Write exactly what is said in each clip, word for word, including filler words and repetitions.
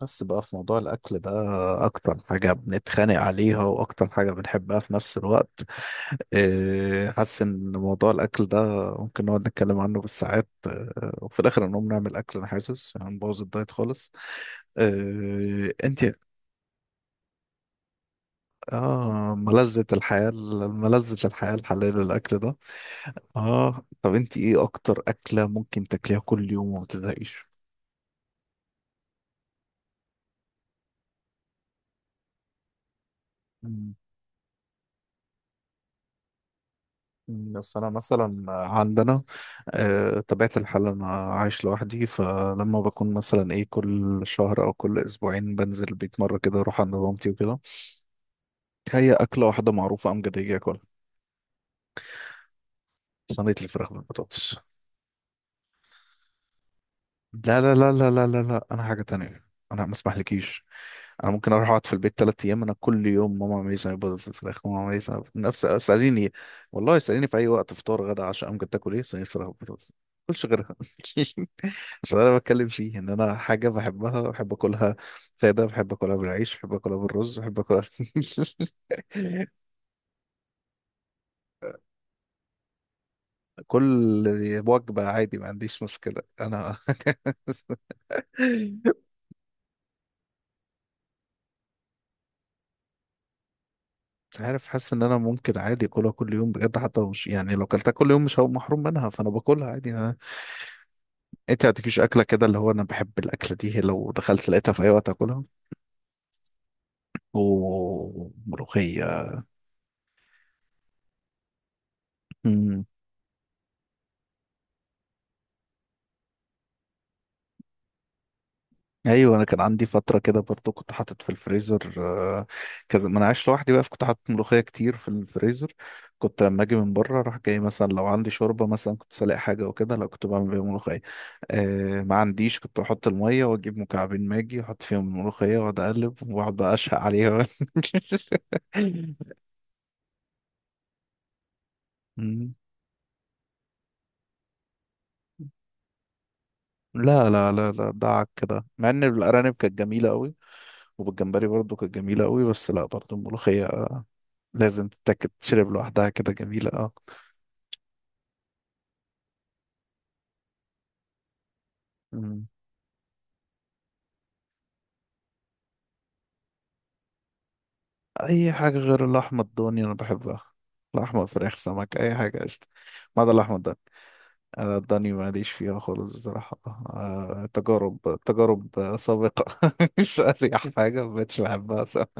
بس بقى في موضوع الأكل ده، أكتر حاجة بنتخانق عليها وأكتر حاجة بنحبها في نفس الوقت. إيه، حاسس إن موضوع الأكل ده ممكن نقعد نتكلم عنه بالساعات، آه، وفي الآخر نقوم نعمل أكل. أنا حاسس هنبوظ الدايت خالص. إيه، أنت. آه ملذة الحياة. ملذة الحياة الحلال الأكل ده. آه، طب أنت إيه أكتر أكلة ممكن تاكليها كل يوم وما تزهقيش؟ بس أنا مثلا عندنا، آه، طبيعة الحال. أنا عايش لوحدي، فلما بكون مثلا إيه كل شهر أو كل أسبوعين بنزل البيت مرة كده، أروح عند مامتي وكده. هي أكلة واحدة معروفة أمجدية، أكلها صينية الفراخ بالبطاطس. لا لا لا لا لا لا لا، أنا حاجة تانية. أنا ما أسمحلكيش. أنا ممكن أروح أقعد في البيت تلات أيام، أنا كل يوم ماما عملي صينية بطاطس بالفراخ، ماما عملي صينية بطاطس- نفس اسأليني. والله اسأليني في أي وقت، فطار، غدا، عشاء، أمجد تاكل إيه؟ صينية فراخ بالبطاطس. ما باكلش غيرها. عشان انا بتكلم فيه ان انا حاجه بحبها، بحب اكلها ساده، بحب اكلها بالعيش، بحب اكلها بالرز، بحب اكلها. كل وجبه عادي، ما عنديش مشكله انا. مش عارف، حاسس ان انا ممكن عادي اكلها كل يوم بجد. حتى لو مش يعني، لو اكلتها كل يوم مش هبقى محروم منها، فانا باكلها عادي أنا. انت ما تجيش اكله كده اللي هو انا بحب الاكله دي، لو دخلت لقيتها في اي وقت اكلها. وملوخيه. ايوه، انا كان عندي فتره كده برضو، كنت حاطط في الفريزر. آه، كذا، ما انا عايش لوحدي بقى، فكنت حاطط ملوخيه كتير في الفريزر. كنت لما اجي من بره اروح جاي مثلا، لو عندي شوربه مثلا كنت سالق حاجه وكده، لا كنت بعمل بيها ملوخيه. آه ما عنديش، كنت بحط الميه واجيب مكعبين ماجي واحط فيهم الملوخيه واقعد اقلب، واقعد بقى اشهق عليها. مم. لا لا لا لا، دعك كده، مع ان الارانب كانت جميله قوي. وبالجمبري برضو كانت جميله قوي، بس لا، برضو الملوخيه لازم تتاكل، تشرب لوحدها كده، جميله اه. مم. اي حاجه غير اللحمه الضاني انا بحبها. لحمه، فراخ، سمك، اي حاجه، قشطه. ما عدا اللحمه الضاني. انا الضاني ماليش فيها خالص بصراحه. آه تجارب، تجارب آه، سابقه. مش اريح حاجه، ما بقتش بحبها صراحة.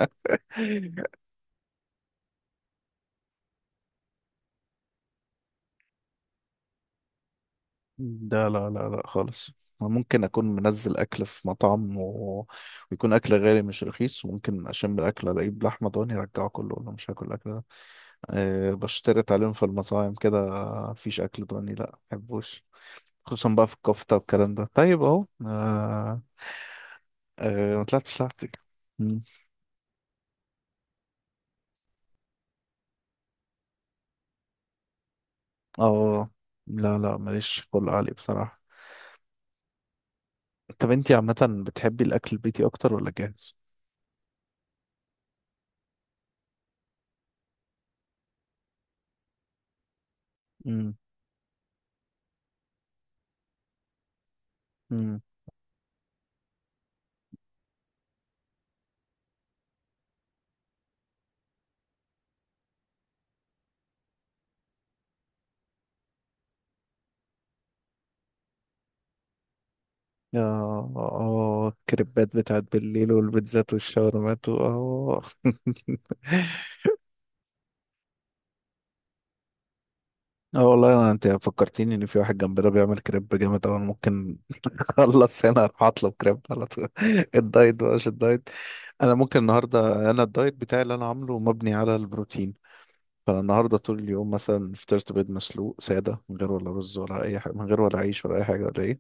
لا لا لا لا خالص. أنا ممكن اكون منزل اكل في مطعم، و... ويكون اكل غالي مش رخيص، وممكن اشم الاكل الاقيه بلحمه ضاني ارجعه كله، ولا مش هاكل الاكل ده. أه، بشترط عليهم في المطاعم كده. مفيش اكل ضاني، لا، محبوش، خصوصا بقى في الكفتة والكلام ده، طيب اهو، آه. آه، ما طلعتش لوحدك. مم. اه. لا لا، ماليش خلق عالي بصراحة. طب انتي عامة بتحبي الأكل البيتي أكتر ولا جاهز؟ مم. مم. يا اه الكريبات بتاعت بالليل، والبيتزات والشاورمات و- اه. اه، والله، انا انت فكرتيني ان في واحد جنبنا بيعمل كريب جامد اوي، أنا ممكن خلص هنا اروح اطلب كريب على طول. الدايت بقى مش الدايت. انا ممكن النهارده، انا الدايت بتاعي اللي انا عامله مبني على البروتين. فانا النهارده طول اليوم مثلا فطرت بيض مسلوق ساده، من غير ولا رز ولا اي حاجه، من غير ولا عيش ولا اي حاجه ولا ايه.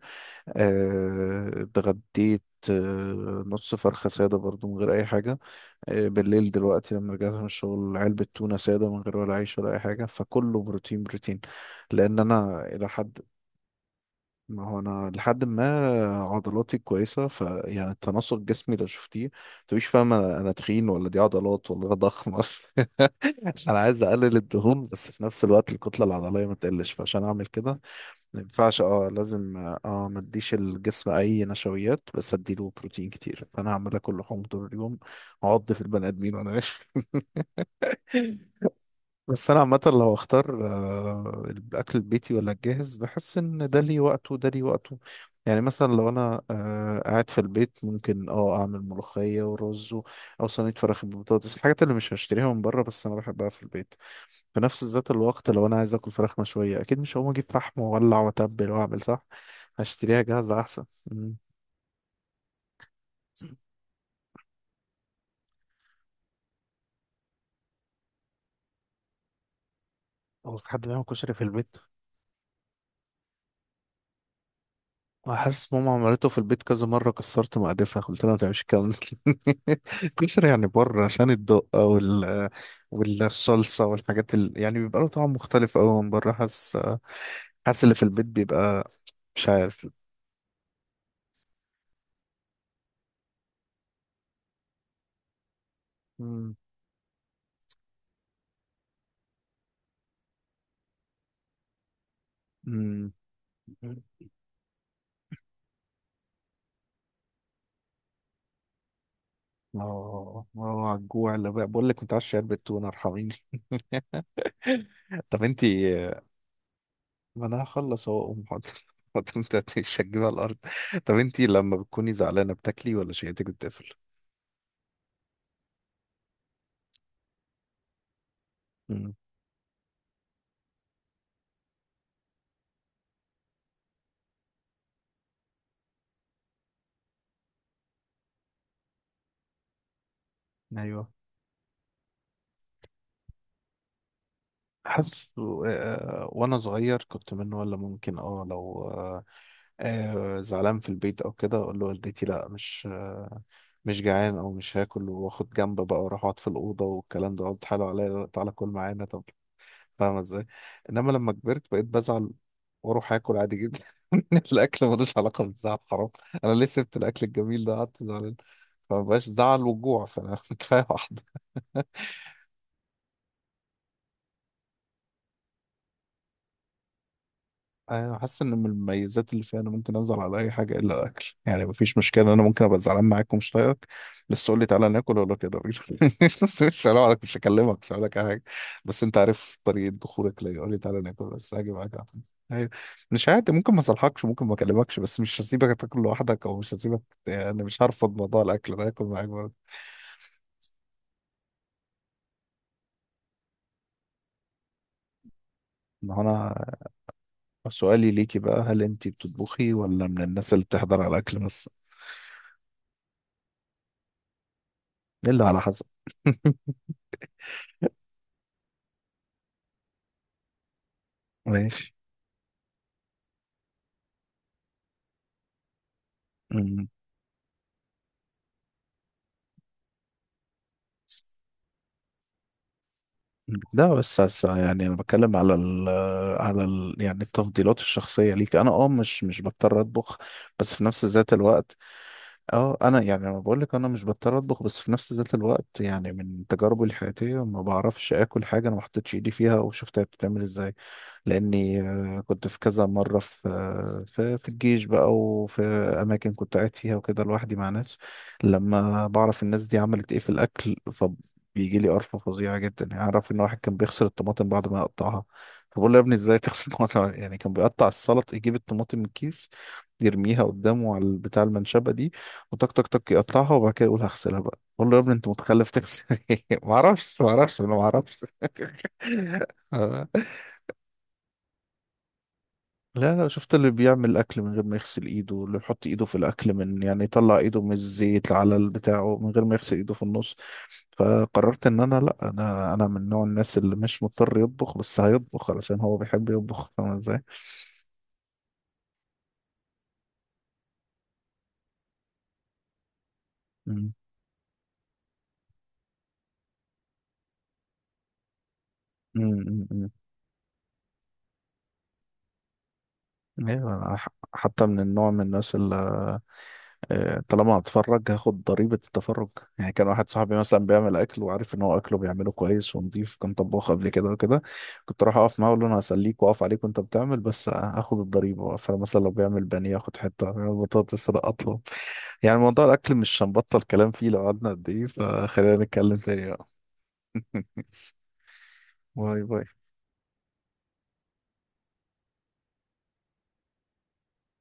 آه، اتغديت، آه، نص فرخه ساده برضو من غير اي حاجه. آه، بالليل دلوقتي لما رجعت من الشغل، علبه تونه ساده من غير ولا عيش ولا اي حاجه، فكله بروتين بروتين. لان انا الى حد، ما هو انا لحد ما عضلاتي كويسه، فيعني التناسق جسمي لو شفتيه متبقيش فاهم انا أنا تخين ولا دي عضلات ولا انا ضخمه. عشان انا عايز اقلل الدهون، بس في نفس الوقت الكتله العضليه ما تقلش، فعشان اعمل كده ما ينفعش. اه لازم، اه ما اديش الجسم اي نشويات، بس اديله بروتين كتير. فانا هعمل اكل لحوم طول اليوم، اعض في البني ادمين. وانا بس انا عامه لو اختار آه، الاكل البيتي ولا الجاهز، بحس ان ده ليه وقته وده ليه وقته. يعني مثلا لو انا آه، قاعد في البيت، ممكن اه اعمل ملوخيه ورز و- او صينيه فراخ بالبطاطس، الحاجات اللي مش هشتريها من بره بس انا بحبها في البيت. في نفس ذات الوقت لو انا عايز اكل فراخ مشويه، اكيد مش هقوم اجيب فحم واولع واتبل واعمل، صح هشتريها جاهزه احسن. مم. هو في حد بيعمل كشري في البيت؟ ما حاسس ماما عملته في البيت كذا مرة، كسرت مقادفها قلت لها ما تعملش الكلام ده. كشري يعني بره عشان الدقة وال والصلصة والحاجات ال... يعني بيبقى له طعم مختلف أوي من بره، حاسس، حاسس اللي في البيت بيبقى، مش عارف. مم. مم. اه اه، على الجوع اللي بقى، بقول لك متعشي علبة تونة، ارحميني. طب انتي، ما انا هخلص اهو اقوم، حاضر. حاضر، انت مش هتجيبها على الارض. طب انتي لما بتكوني زعلانة بتاكلي ولا شهيتك بتقفل؟ مم. ايوه، حاسس آه، آه، وانا صغير كنت منه، ولا ممكن اه لو آه، آه، زعلان في البيت او كده، اقول لوالدتي لا، مش آه، مش جعان او مش هاكل، واخد جنب بقى واروح اقعد في الاوضه والكلام ده، اقعد تحايلوا عليا "لا، تعالى كل معانا طب". فاهمه ازاي؟ انما لما كبرت بقيت بزعل، واروح اكل عادي جدا. الاكل ملوش علاقه بالزعل، حرام. انا ليه سبت الاكل الجميل ده قعدت زعلان؟ فمبقاش زعل وجوع، فانا كفايه واحده. انا حاسس ان من المميزات اللي فيها، انا ممكن ازعل على اي حاجه الا الاكل. يعني مفيش مشكله، انا ممكن ابقى زعلان معاك ومش طايقك، بس تقول لي تعالى ناكل، اقول لك يا راجل. بس مش هلوم عليك، مش هكلمك، مش هقول لك أي حاجه. بس انت عارف طريقه دخولك ليا، قول لي تعالى ناكل بس هاجي معاك على طول. أيوة. مش عادي. ممكن ما اصلحكش، ممكن ما اكلمكش، بس مش هسيبك تاكل لوحدك، او مش هسيبك، يعني مش هرفض موضوع الاكل ده، هاكل معاك برضه. ما هو انا سؤالي ليكي بقى، هل انت بتطبخي ولا من الناس اللي بتحضر على الاكل بس؟ الا على حسب. ماشي. لا بس بس يعني انا بتكلم على ال على ال يعني التفضيلات الشخصيه ليك. انا اه مش مش بضطر اطبخ، بس في نفس ذات الوقت، اه، انا يعني، انا بقول لك انا مش بضطر اطبخ، بس في نفس ذات الوقت يعني، من تجاربي الحياتيه، ما بعرفش اكل حاجه انا ما حطيتش ايدي فيها وشفتها بتتعمل ازاي. لاني آه، كنت في كذا مره في آه، في في الجيش بقى، وفي اماكن كنت قاعد فيها وكده لوحدي مع ناس، لما بعرف الناس دي عملت ايه في الاكل، فبيجي لي قرفه فظيعه جدا. يعني اعرف ان واحد كان بيغسل الطماطم بعد ما يقطعها. فبقول له يا ابني ازاي تغسل الطماطم؟ يعني كان بيقطع السلط، يجيب الطماطم من الكيس، يرميها قدامه على بتاع المنشبه دي، وتك تك تك يقطعها، وبعد كده يقول هغسلها بقى. بقول له يا ابني انت متخلف، تغسل ايه؟ ما اعرفش ما اعرفش، انا ما اعرفش. لا لا، شفت اللي بيعمل اكل من غير ما يغسل ايده، اللي بيحط ايده في الاكل، من يعني، يطلع ايده من الزيت على ال- بتاعه من غير ما يغسل ايده في النص. فقررت ان انا، لا، انا انا من نوع الناس اللي مش مضطر يطبخ، بس هيطبخ علشان هو بيحب يطبخ. فاهم ازاي؟ امم، امم، امم، أمم. ايوه، أنا ح- حتى من النوع من الناس. آه، طالما هتفرج هاخد ضريبة التفرج. يعني كان واحد صاحبي مثلا بيعمل أكل، وعارف إن هو أكله بيعمله كويس ونضيف، كان طباخ قبل كده وكده. كنت أروح أقف معاه، أقول له أنا هسليك وأقف عليك وأنت بتعمل، بس هاخد الضريبة. فمثلا لو بيعمل بانيه آخد حتة، لو بيعمل بطاطس لا أطلب. يعني موضوع الأكل مش هنبطل كلام فيه لو قعدنا قد إيه، فخلينا نتكلم تاني بقى. باي باي.